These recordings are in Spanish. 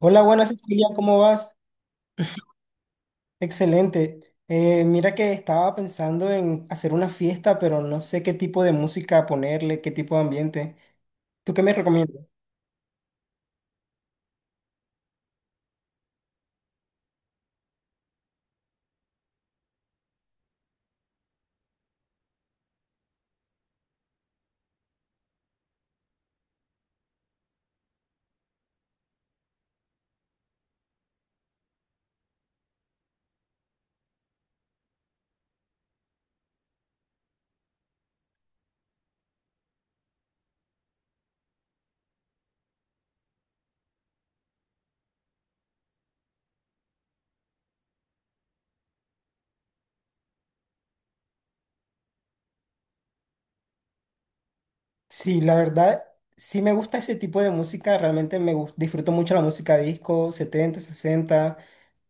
Hola, buenas Cecilia, ¿cómo vas? Excelente. Mira que estaba pensando en hacer una fiesta, pero no sé qué tipo de música ponerle, qué tipo de ambiente. ¿Tú qué me recomiendas? Sí, la verdad, sí me gusta ese tipo de música, realmente disfruto mucho la música disco, 70, 60.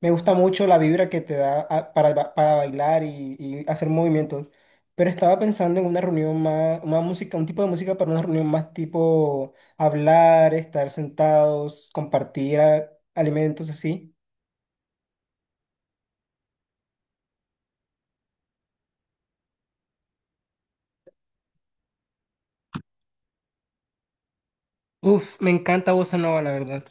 Me gusta mucho la vibra que te da para bailar y hacer movimientos. Pero estaba pensando en una reunión más, una música, un tipo de música para una reunión más tipo hablar, estar sentados, compartir alimentos así. Uf, me encanta bossa nova, la verdad.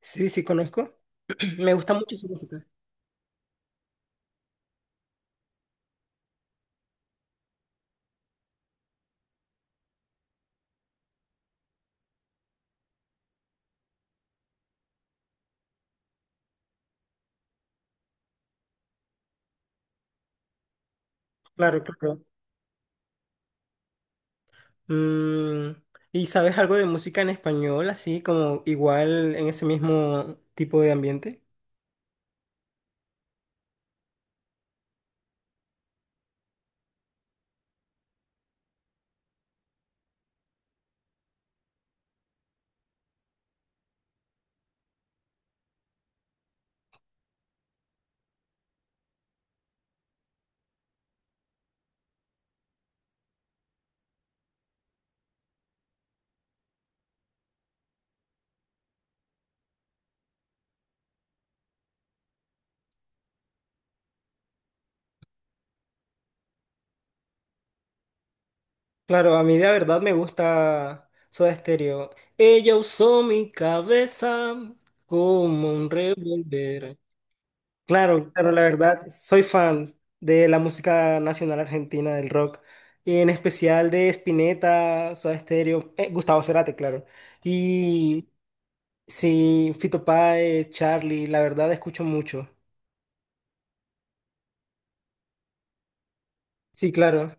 Sí, sí, conozco. Me gusta mucho su música. Claro, claro. Mm, ¿y sabes algo de música en español, así como igual en ese mismo tipo de ambiente? Claro, a mí de verdad me gusta Soda Stereo. Ella usó mi cabeza como un revólver. Claro, claro, la verdad, soy fan de la música nacional argentina, del rock, y en especial de Spinetta, Soda Stereo, Gustavo Cerati, claro. Y sí, Fito Páez, Charlie, la verdad escucho mucho. Sí, claro.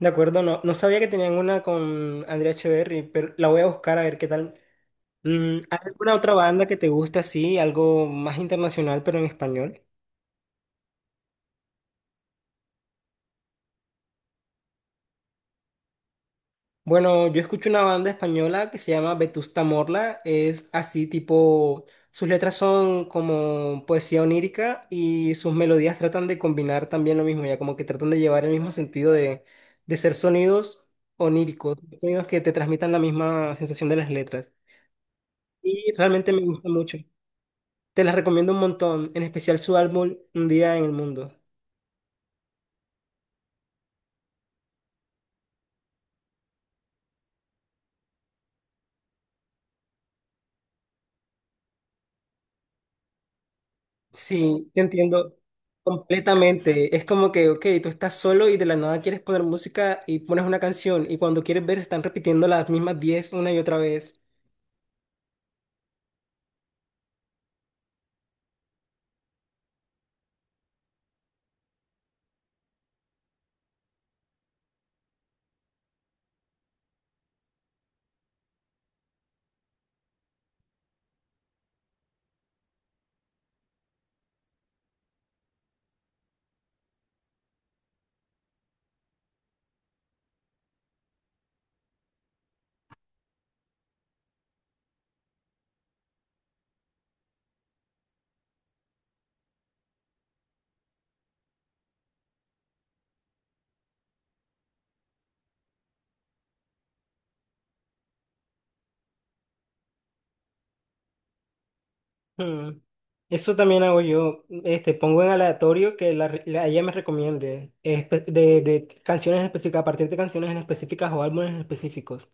De acuerdo, no, no sabía que tenían una con Andrea Echeverry, pero la voy a buscar a ver qué tal. Mm, ¿hay alguna otra banda que te guste así, algo más internacional pero en español? Bueno, yo escucho una banda española que se llama Vetusta Morla, es así tipo, sus letras son como poesía onírica y sus melodías tratan de combinar también lo mismo, ya como que tratan de llevar el mismo sentido de ser sonidos oníricos, sonidos que te transmitan la misma sensación de las letras. Y realmente me gusta mucho. Te las recomiendo un montón, en especial su álbum Un día en el mundo. Sí, te entiendo completamente. Es como que, ok, tú estás solo y de la nada quieres poner música y pones una canción y cuando quieres ver se están repitiendo las mismas 10 una y otra vez. Hmm. Eso también hago yo. Este, pongo en aleatorio que ella me recomiende de canciones específicas, a partir de canciones en específicas o álbumes en específicos.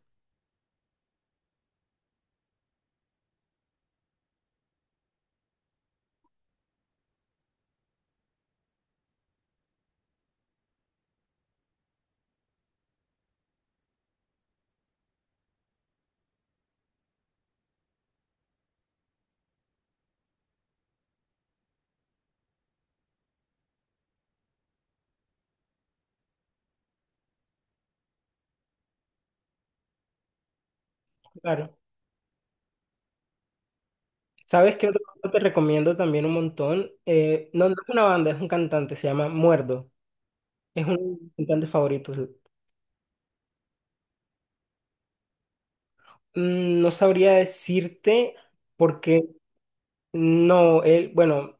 Claro. ¿Sabes qué otro grupo te recomiendo también un montón? No es una banda, es un cantante, se llama Muerdo. Es un cantante favorito. Sí. Mm, no sabría decirte porque no, él, bueno,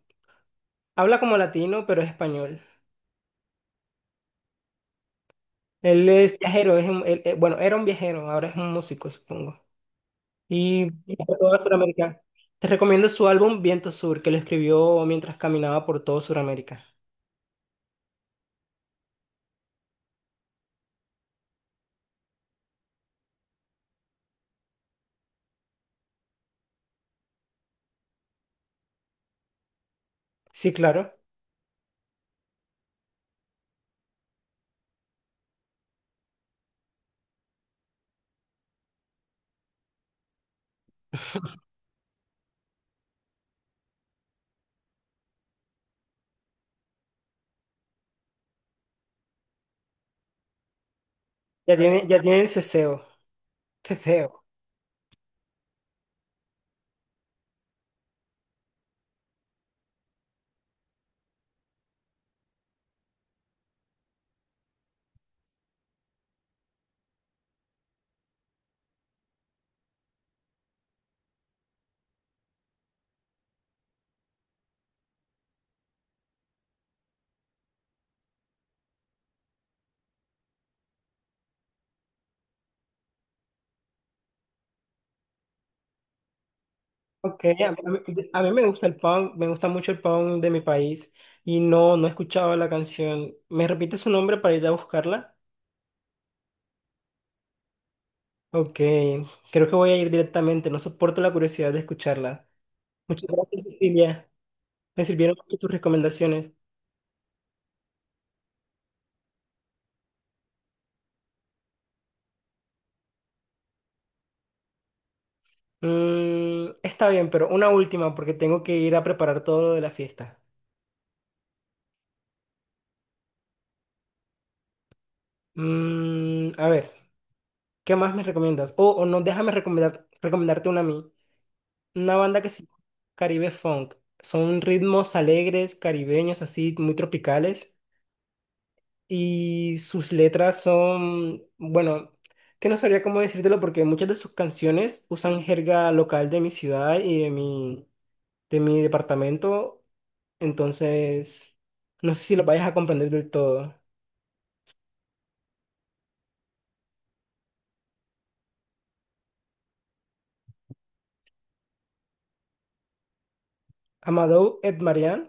habla como latino, pero es español. Él es viajero, es un- él- él- bueno, era un viajero, ahora es un músico, supongo. Y viajó toda Sudamérica. Te recomiendo su álbum Viento Sur, que lo escribió mientras caminaba por todo Sudamérica. Sí, claro. Ya tiene el ceseo. Ceseo. Ok, a mí me gusta el punk, me gusta mucho el punk de mi país y no, no escuchaba la canción. ¿Me repite su nombre para ir a buscarla? Ok, creo que voy a ir directamente, no soporto la curiosidad de escucharla. Muchas gracias, Cecilia. Me sirvieron mucho tus recomendaciones. Mm, está bien, pero una última porque tengo que ir a preparar todo lo de la fiesta. Mm, a ver, ¿qué más me recomiendas? O no, déjame recomendarte una a mí. Una banda que se llama Caribe Funk. Son ritmos alegres, caribeños, así, muy tropicales. Y sus letras son, bueno, que no sabría cómo decírtelo porque muchas de sus canciones usan jerga local de mi ciudad y de mi departamento. Entonces, no sé si lo vayas a comprender del todo. Amadou Marian.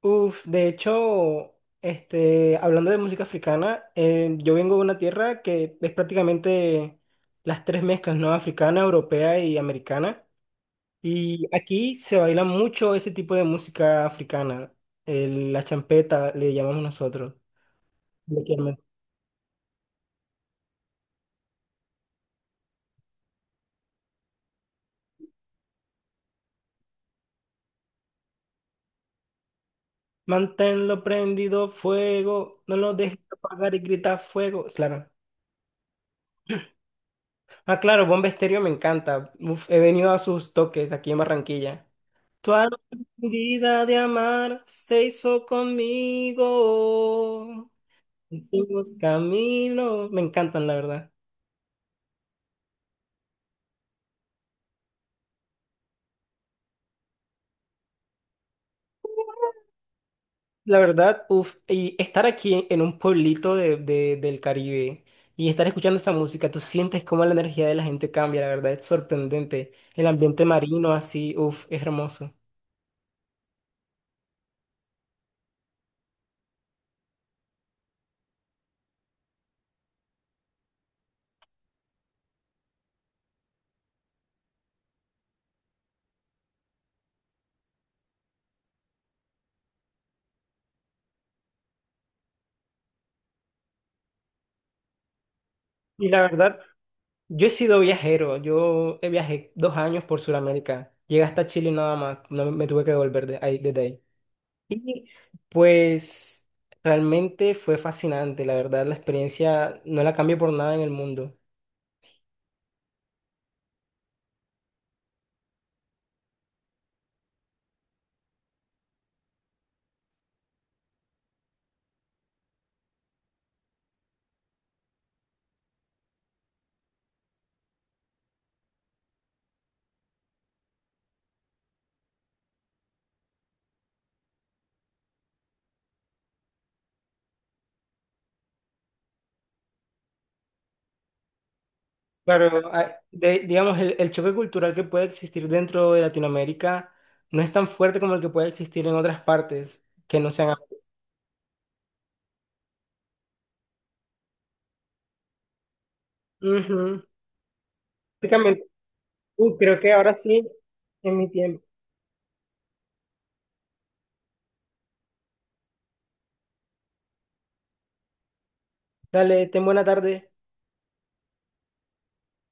Uf, de hecho, este, hablando de música africana, yo vengo de una tierra que es prácticamente las tres mezclas, ¿no? Africana, europea y americana. Y aquí se baila mucho ese tipo de música africana. La champeta le llamamos nosotros. Coloquialmente. Manténlo prendido, fuego. No lo dejes apagar y grita fuego. Claro. Ah, claro, Bomba Estéreo me encanta. Uf, he venido a sus toques aquí en Barranquilla. Tu alma medida de amar se hizo conmigo. Hicimos caminos. Me encantan, la verdad. La verdad, uff, y estar aquí en un pueblito del Caribe y estar escuchando esa música, tú sientes cómo la energía de la gente cambia, la verdad, es sorprendente. El ambiente marino así, uff, es hermoso. Y la verdad, yo he sido viajero, yo viajé 2 años por Sudamérica, llegué hasta Chile nada más, no me tuve que devolver de ahí, desde ahí. Y pues realmente fue fascinante, la verdad, la experiencia no la cambio por nada en el mundo. Claro, digamos, el, choque cultural que puede existir dentro de Latinoamérica no es tan fuerte como el que puede existir en otras partes que no sean. Ujú. Prácticamente. Creo que ahora sí, en mi tiempo. Dale, ten buena tarde.